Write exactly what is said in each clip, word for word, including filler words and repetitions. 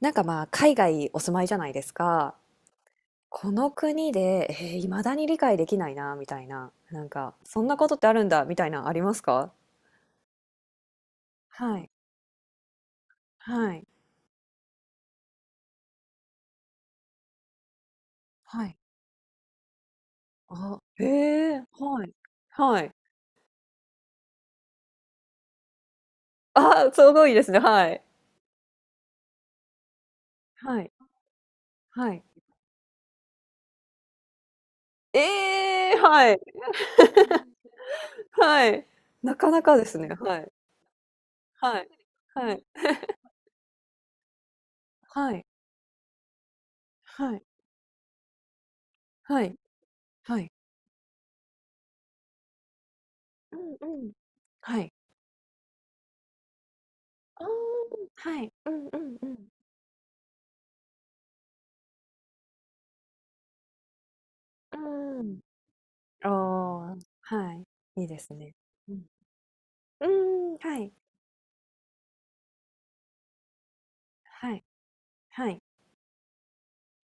なんかまあ、海外お住まいじゃないですか。この国で、えー、未だに理解できないな、みたいな。なんか、そんなことってあるんだ、みたいな、ありますか？はい。はい。はい。あ、ええーはい。はい。あ、すごいですね。はい。はい。はい。ええーはい。はい。なかなかですね。はい。はい。はい。はい。はい。はい。はい。うんうん。はい。あーはい。うんうんうん。うん。ああ、はい。いいですね。うん。うーん、はい。はい。はい。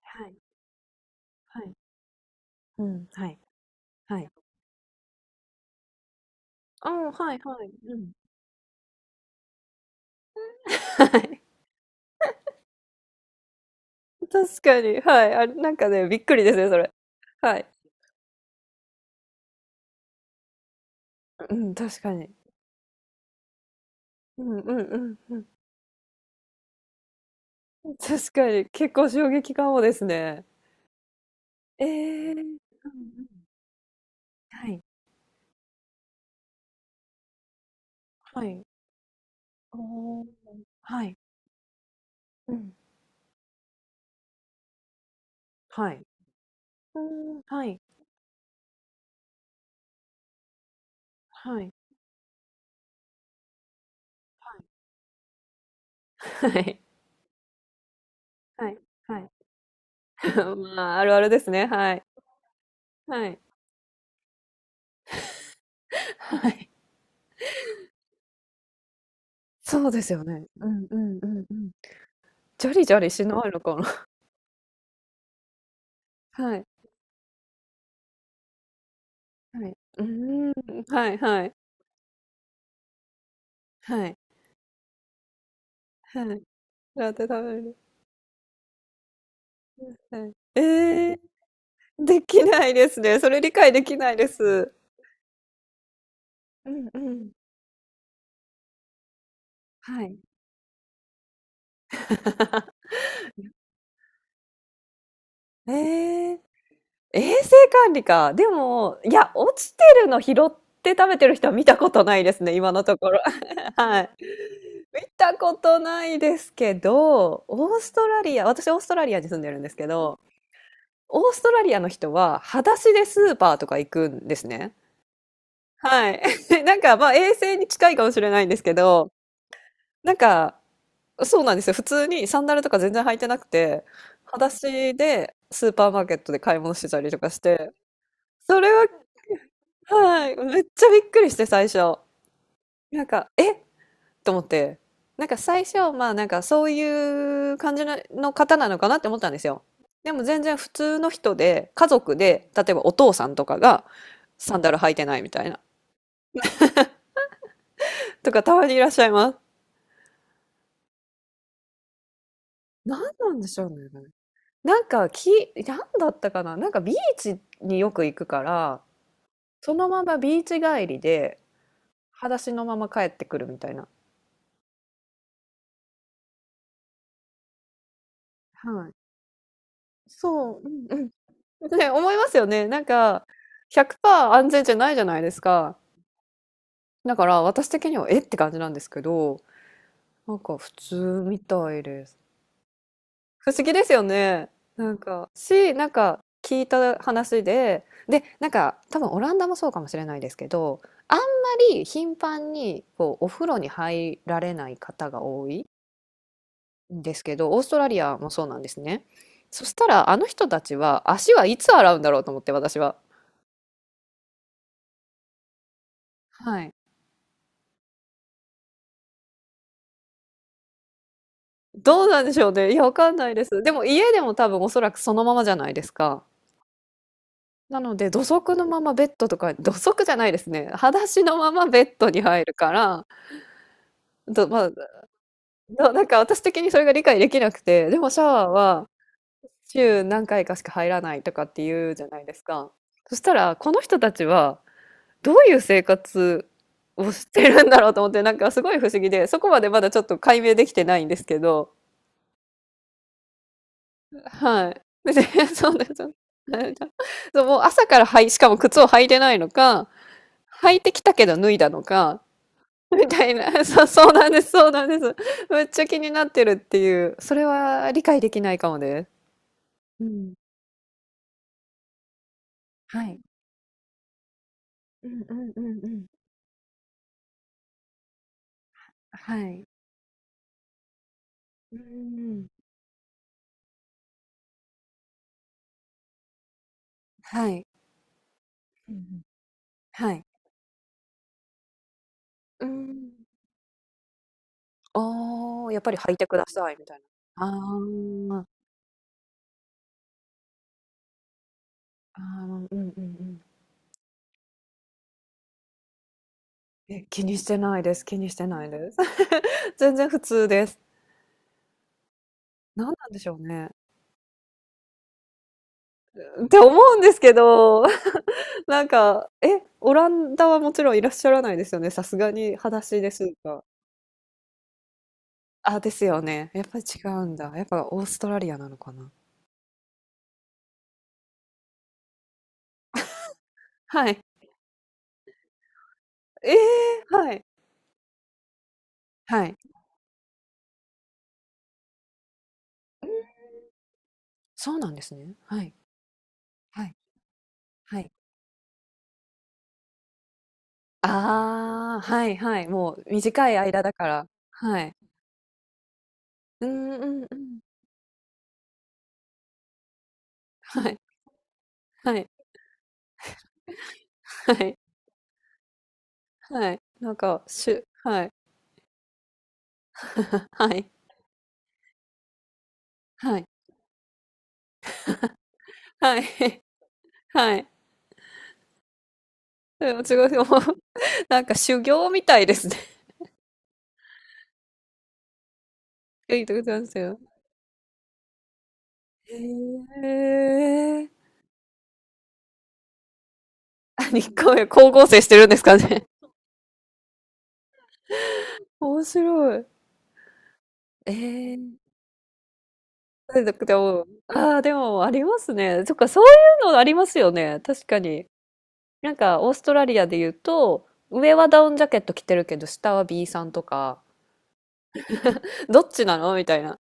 はい。はい。うん、はい。はい。ああ、はいはい。うん。はい。確かに、はい。あれ、なんかね、びっくりですね、それ。はい。うん、確かに。うんうんうんうん。確かに、結構衝撃かもですね。ええ。うんうん。はい。はい。おあ、はい。うん。はい。うーん、はい。はい。はい。はい。はい。はい。まあ、あるあるですね。はい。はい。はい。そうですよね。うんうんうんうん。ジャリジャリしないのかな。はい。はい。うーん。はいはい。はい。はい。ラテ食べる。うん、はい。えーできないですね。それ理解できないです。うんうん。はい。ええ、衛生管理か。でも、いや、落ちてるの拾って食べてる人は見たことないですね、今のところ。はい。見たことないですけど、オーストラリア、私オーストラリアに住んでるんですけど、オーストラリアの人は裸足でスーパーとか行くんですね。はい。なんかまあ衛生に近いかもしれないんですけど、なんかそうなんですよ。普通にサンダルとか全然履いてなくて、裸足でスーパーマーケットで買い物してたりとかして、それは、はい、めっちゃびっくりして最初。なんか、え、と思って、なんか最初、まあなんかそういう感じのの方なのかなって思ったんですよ。でも全然普通の人で、家族で、例えばお父さんとかがサンダル履いてないみたいな、とかたまにいらっしゃいます。なんなんでしょうね。なんかき、なんだったかな。なんかビーチによく行くから、そのままビーチ帰りで、裸足のまま帰ってくるみたいな。はい。そう、うんうん。ね、思いますよね。なんか、ひゃくパーセント安全じゃないじゃないですか。だから私的にはえって感じなんですけど、なんか普通みたいです。不思議ですよね。なんか、し、なんか聞いた話で、で、なんか多分オランダもそうかもしれないですけど、あんまり頻繁にこうお風呂に入られない方が多いんですけど、オーストラリアもそうなんですね。そしたらあの人たちは足はいつ洗うんだろうと思って私は。はい。どうなんでしょうね。いや、わかんないです。でも家でも多分おそらくそのままじゃないですか。なので、土足のままベッドとか土足じゃないですね。裸足のままベッドに入るから、どまあ、どなんか私的にそれが理解できなくて、でもシャワーは週何回かしか入らないとかっていうじゃないですか。そしたら、この人たちはどういう生活をしてるんだろうと思って、なんかすごい不思議で、そこまでまだちょっと解明できてないんですけど、はい。で、そうです。はい。そうもう朝からはい、しかも靴を履いてないのか、履いてきたけど脱いだのか、みたいな。そう、そうなんです、そうなんです。めっちゃ気になってるっていう。それは理解できないかもです。うん。はい。うんうんうんうん。はい。うんうんうん。はい。うんうん。はい。うーん。ああ、やっぱり履いてくださいみたいな。ああ。ああ、うんうんうん。え、気にしてないです。気にしてないです。全然普通です。何なんでしょうね。って思うんですけど。なんか、え、オランダはもちろんいらっしゃらないですよね。さすがに裸足でスーパー。あ、ですよね。やっぱり違うんだ。やっぱオーストラリアなのかな。はい。ええ、はい。はい。そうなんですね。はい。はい。はい。ああ、はいはい。もう短い間だから。はい。うんうんうん。はい。はい。はい。はい。なんか、しゅはい。はい。はい。はい。はい。でも違う、もうなんか修行みたいですね。え、いったこてあんですよ。へえ。あ、日光浴、光合成してるんですかね。面白い。ええ。え、だってでも、ああ、でもありますね。そっか、そういうのありますよね。確かに。なんか、オーストラリアで言うと、上はダウンジャケット着てるけど、下は ビーさんとか、どっちなのみたいな。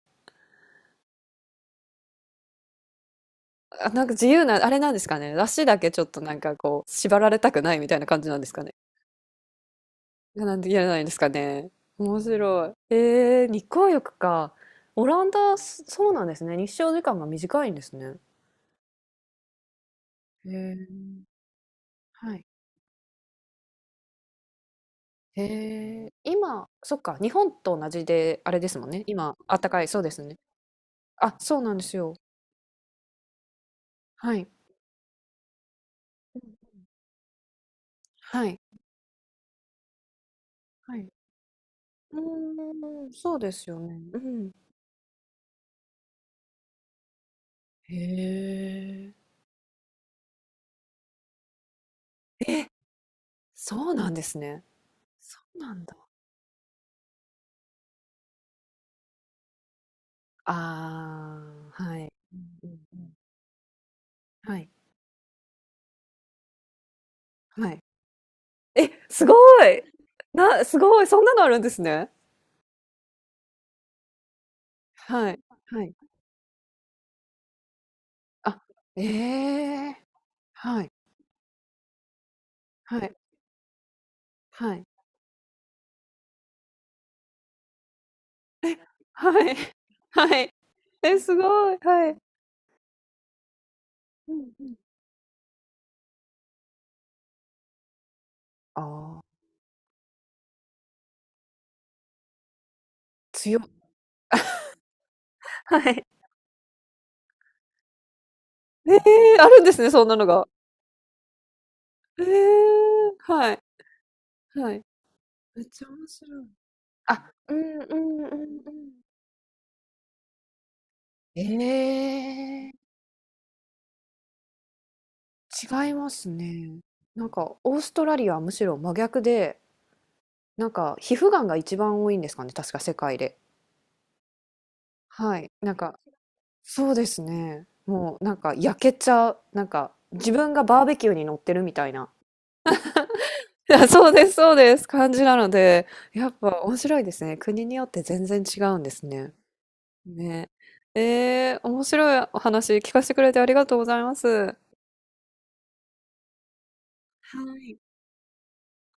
あ、なんか自由な、あれなんですかね。足だけちょっとなんかこう、縛られたくないみたいな感じなんですかね。なんでやらないんですかね。面白い。えー、日光浴か。オランダ、そそうなんですね。日照時間が短いんですね。へえ、はい。へえ、今、そっか、日本と同じで、あれですもんね。今、あったかい、そうですね。あ、そうなんですよ。はい。うん、はい。はい。うーん、そうですよね。うん。へえ。え、そうなんですね。そうなんだ。ああ、はい。うんうんうん。はい。はい。え、すごい。な、すごい、そんなのあるんですね。はい、はい。あ、ええ、はい、はい、はい、はい、はい。え、すごい、はい。うんうん。ああ、強はい。ええ、あるんですね、そんなのが。ええ、はい、はい。めっちゃ面白い。あ、うんうんうんうん。ええ、違いますね。なんかオーストラリアはむしろ真逆でなんか、皮膚がんが一番多いんですかね、確か世界で。はい。なんか、そうですね。もうなんか焼けちゃう。なんか、自分がバーベキューに乗ってるみたいな。いやそうです、そうです。感じなので、やっぱ面白いですね。国によって全然違うんですね。ね。えー、面白いお話聞かせてくれてありがとうございます。